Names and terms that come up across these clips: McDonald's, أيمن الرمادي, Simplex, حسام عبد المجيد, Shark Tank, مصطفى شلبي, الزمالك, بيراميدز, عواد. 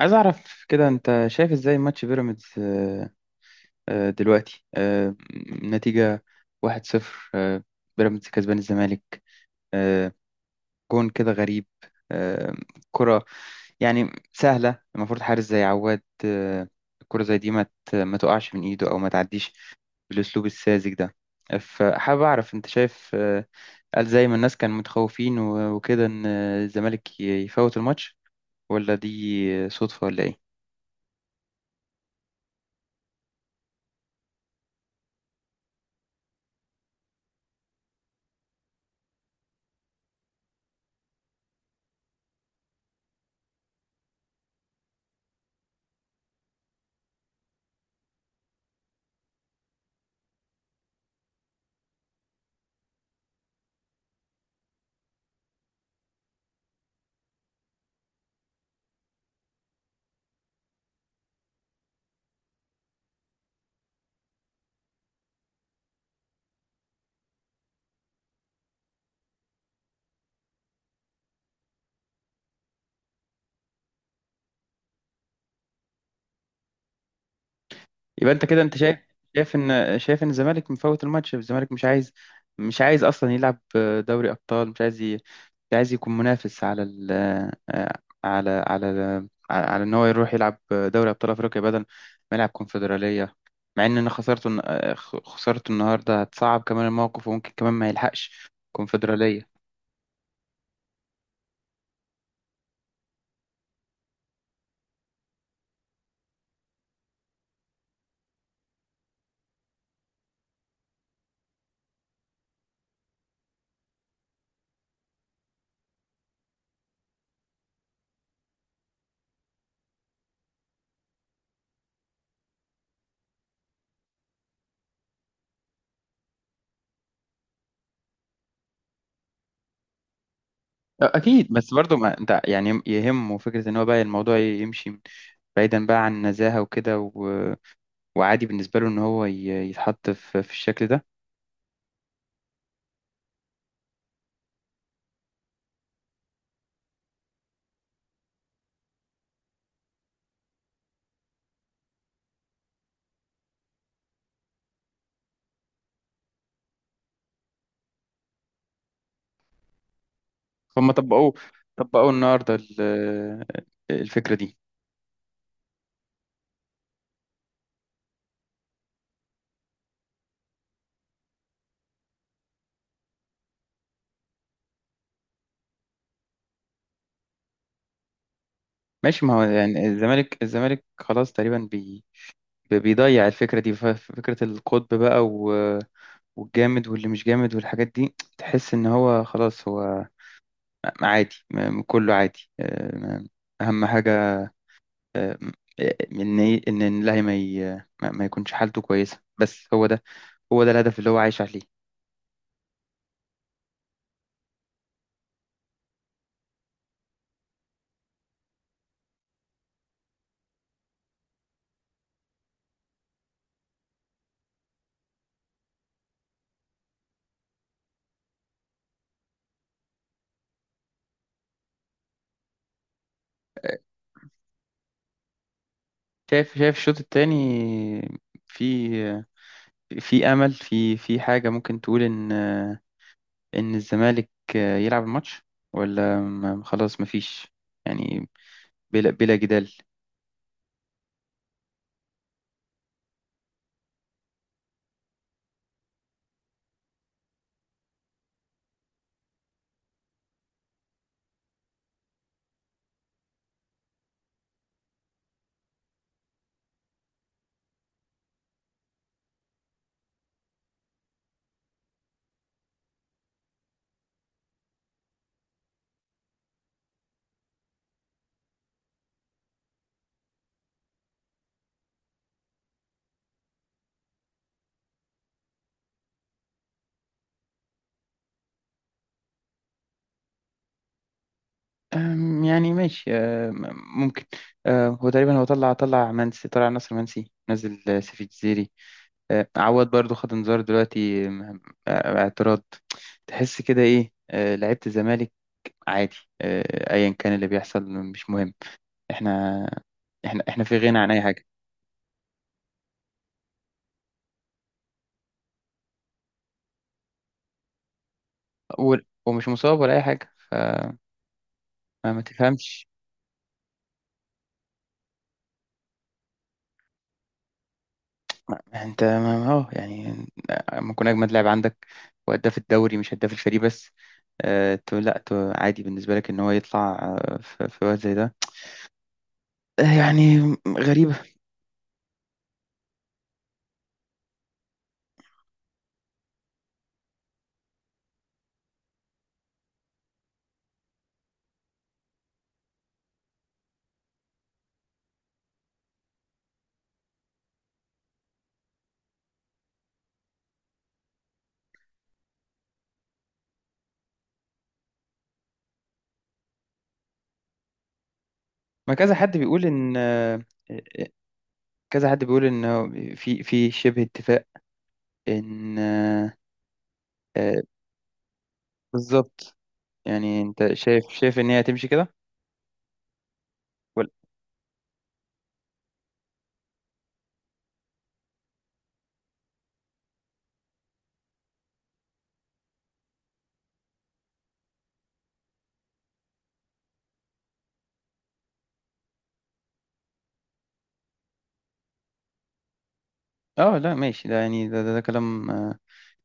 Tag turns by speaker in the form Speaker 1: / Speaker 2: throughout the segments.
Speaker 1: عايز اعرف كده، انت شايف ازاي ماتش بيراميدز؟ دلوقتي نتيجة 1-0. بيراميدز كسبان الزمالك. آه، جون كده غريب. آه، كرة يعني سهلة، المفروض حارس زي عواد، الكرة زي دي ما تقعش من ايده، او ما تعديش بالاسلوب الساذج ده. فحابب اعرف انت شايف، هل زي ما الناس كانوا متخوفين وكده ان الزمالك يفوت الماتش، ولا دي صدفة ولا ايه؟ يبقى انت كده، انت شايف ان الزمالك مفوت الماتش. الزمالك مش عايز اصلا يلعب دوري ابطال. مش عايز يكون منافس على على ان هو يروح يلعب دوري ابطال افريقيا بدل ما يلعب كونفدراليه، مع ان انا خسرته النهارده هتصعب كمان الموقف، وممكن كمان ما يلحقش كونفدراليه. اكيد، بس برضه ما انت يعني يهمه فكره ان هو بقى الموضوع يمشي بعيدا بقى عن النزاهه وكده، وعادي بالنسبة له إن هو يتحط في الشكل ده. فهم طبقوه، طبقوه النهاردة الفكرة دي. ماشي، ما هو يعني الزمالك خلاص تقريبا بيضيع الفكرة دي، فكرة القطب بقى والجامد واللي مش جامد والحاجات دي. تحس إن هو خلاص هو عادي. كله عادي. أهم حاجة آه، إن إن اللاعب ما ما يكونش حالته كويسة. بس هو ده، هو ده الهدف اللي هو عايش عليه. شايف الشوط التاني، في امل، في حاجه ممكن تقول ان الزمالك يلعب الماتش، ولا خلاص مفيش؟ يعني بلا جدال. يعني ماشي. ممكن. هو تقريبا طلع نصر منسي، نزل سيف الجزيري. عواد برضو خد انذار دلوقتي. أم، آه، اعتراض. تحس كده ايه، لعيبه الزمالك عادي. ايا كان اللي بيحصل مش مهم. احنا، احنا في غنى عن اي حاجه. و- ومش مصاب ولا اي حاجه، ف ما تفهمش. انت يعني ممكن يكون اجمد لاعب عندك، وهداف الدوري مش هداف الفريق بس. تو لا تو عادي بالنسبه لك ان هو يطلع، في وقت زي ده. يعني غريبه. ما كذا حد بيقول ان، كذا حد بيقول ان هو في شبه اتفاق ان آه، بالظبط. يعني انت شايف ان هي هتمشي كده. اه لا ماشي، ده يعني ده كلام.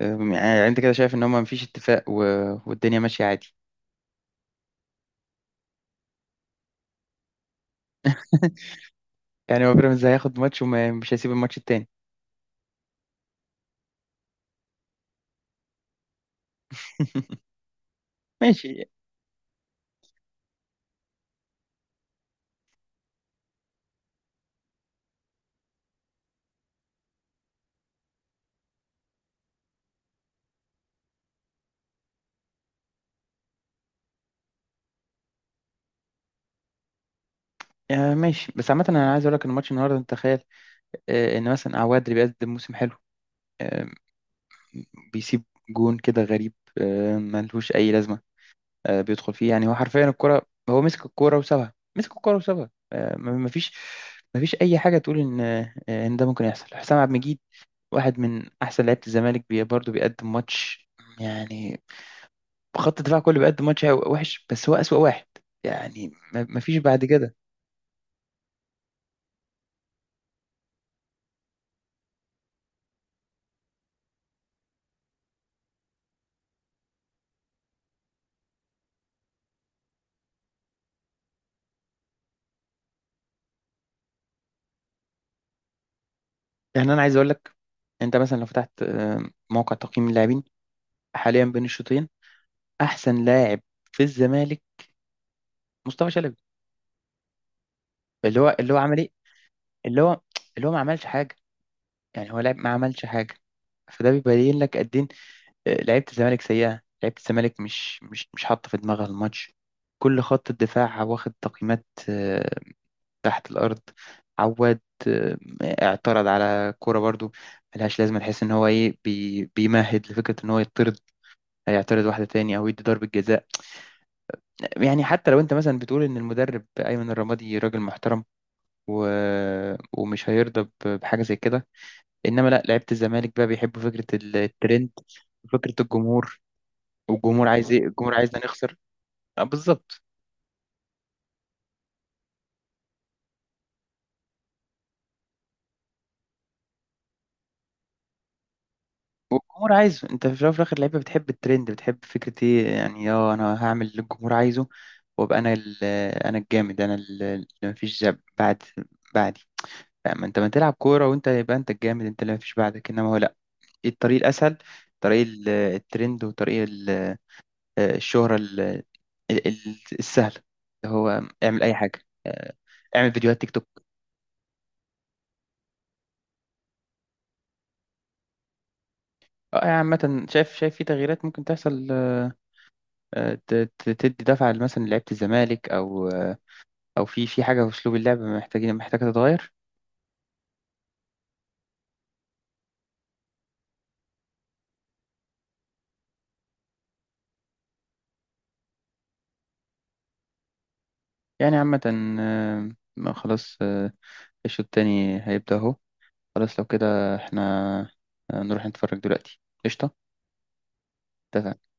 Speaker 1: يعني انت كده شايف ان هما مفيش اتفاق والدنيا ماشية عادي. يعني هو بيراميدز هياخد ماتش ومش هيسيب الماتش التاني. ماشي. ماشي، بس عامة أنا عايز أقول لك إن ماتش النهاردة أنت تخيل، إن مثلا عواد اللي بيقدم موسم حلو آه، بيسيب جون كده غريب، ملهوش أي لازمة. بيدخل فيه. يعني هو حرفيا الكرة، هو مسك الكرة وسابها، مسك الكرة وسابها. مفيش أي حاجة تقول إن، إن ده ممكن يحصل. حسام عبد المجيد واحد من احسن لعيبه الزمالك، برضه بيقدم ماتش يعني. خط الدفاع كله بيقدم ماتش وحش، بس هو اسوأ واحد. يعني ما فيش بعد كده. يعني انا عايز اقول لك، انت مثلا لو فتحت، موقع تقييم اللاعبين حاليا بين الشوطين، احسن لاعب في الزمالك مصطفى شلبي. اللي هو عمل ايه؟ اللي هو اللي هو ما عملش حاجه. يعني هو لاعب، ما عملش حاجه. فده بيبين لك قد ايه، لعيبه الزمالك سيئه. لعيبه الزمالك مش حاطه في دماغها الماتش. كل خط الدفاع واخد تقييمات، تحت الأرض. عواد آه، اعترض على كورة برضو ملهاش لازمة. نحس إن هو إيه، بيمهد لفكرة إن هو يطرد. هيعترض واحدة تاني أو يدي ضربة جزاء. يعني حتى لو أنت مثلا بتقول إن المدرب أيمن الرمادي راجل محترم و... ومش هيرضى بحاجة زي كده، إنما لا، لعيبة الزمالك بقى بيحبوا فكرة الترند وفكرة الجمهور. والجمهور عايز إيه؟ الجمهور عايزنا نخسر. بالظبط. والجمهور عايزه. انت في الاول وفي الاخر، لعيبه بتحب الترند، بتحب فكره ايه يعني، اه، انا هعمل اللي الجمهور عايزه، وابقى انا انا الجامد، انا اللي مفيش بعدي. لا، ما انت ما تلعب كوره وانت يبقى انت الجامد، انت اللي مفيش بعدك. انما هو لا، ايه الطريق الاسهل؟ طريق الترند، وطريق الشهره السهله، اللي هو اعمل اي حاجه. اه، اعمل فيديوهات تيك توك. اه يعني عامة شايف في تغييرات ممكن تحصل، اه، اه، تدي دفعة مثلا لعيبة الزمالك، أو او في حاجه في اسلوب اللعب، محتاجه تتغير. يعني عامه آه، ما خلاص. الشوط التاني هيبدأ اهو. خلاص لو كده، احنا، نروح نتفرج دلوقتي، قشطه. اتفقنا.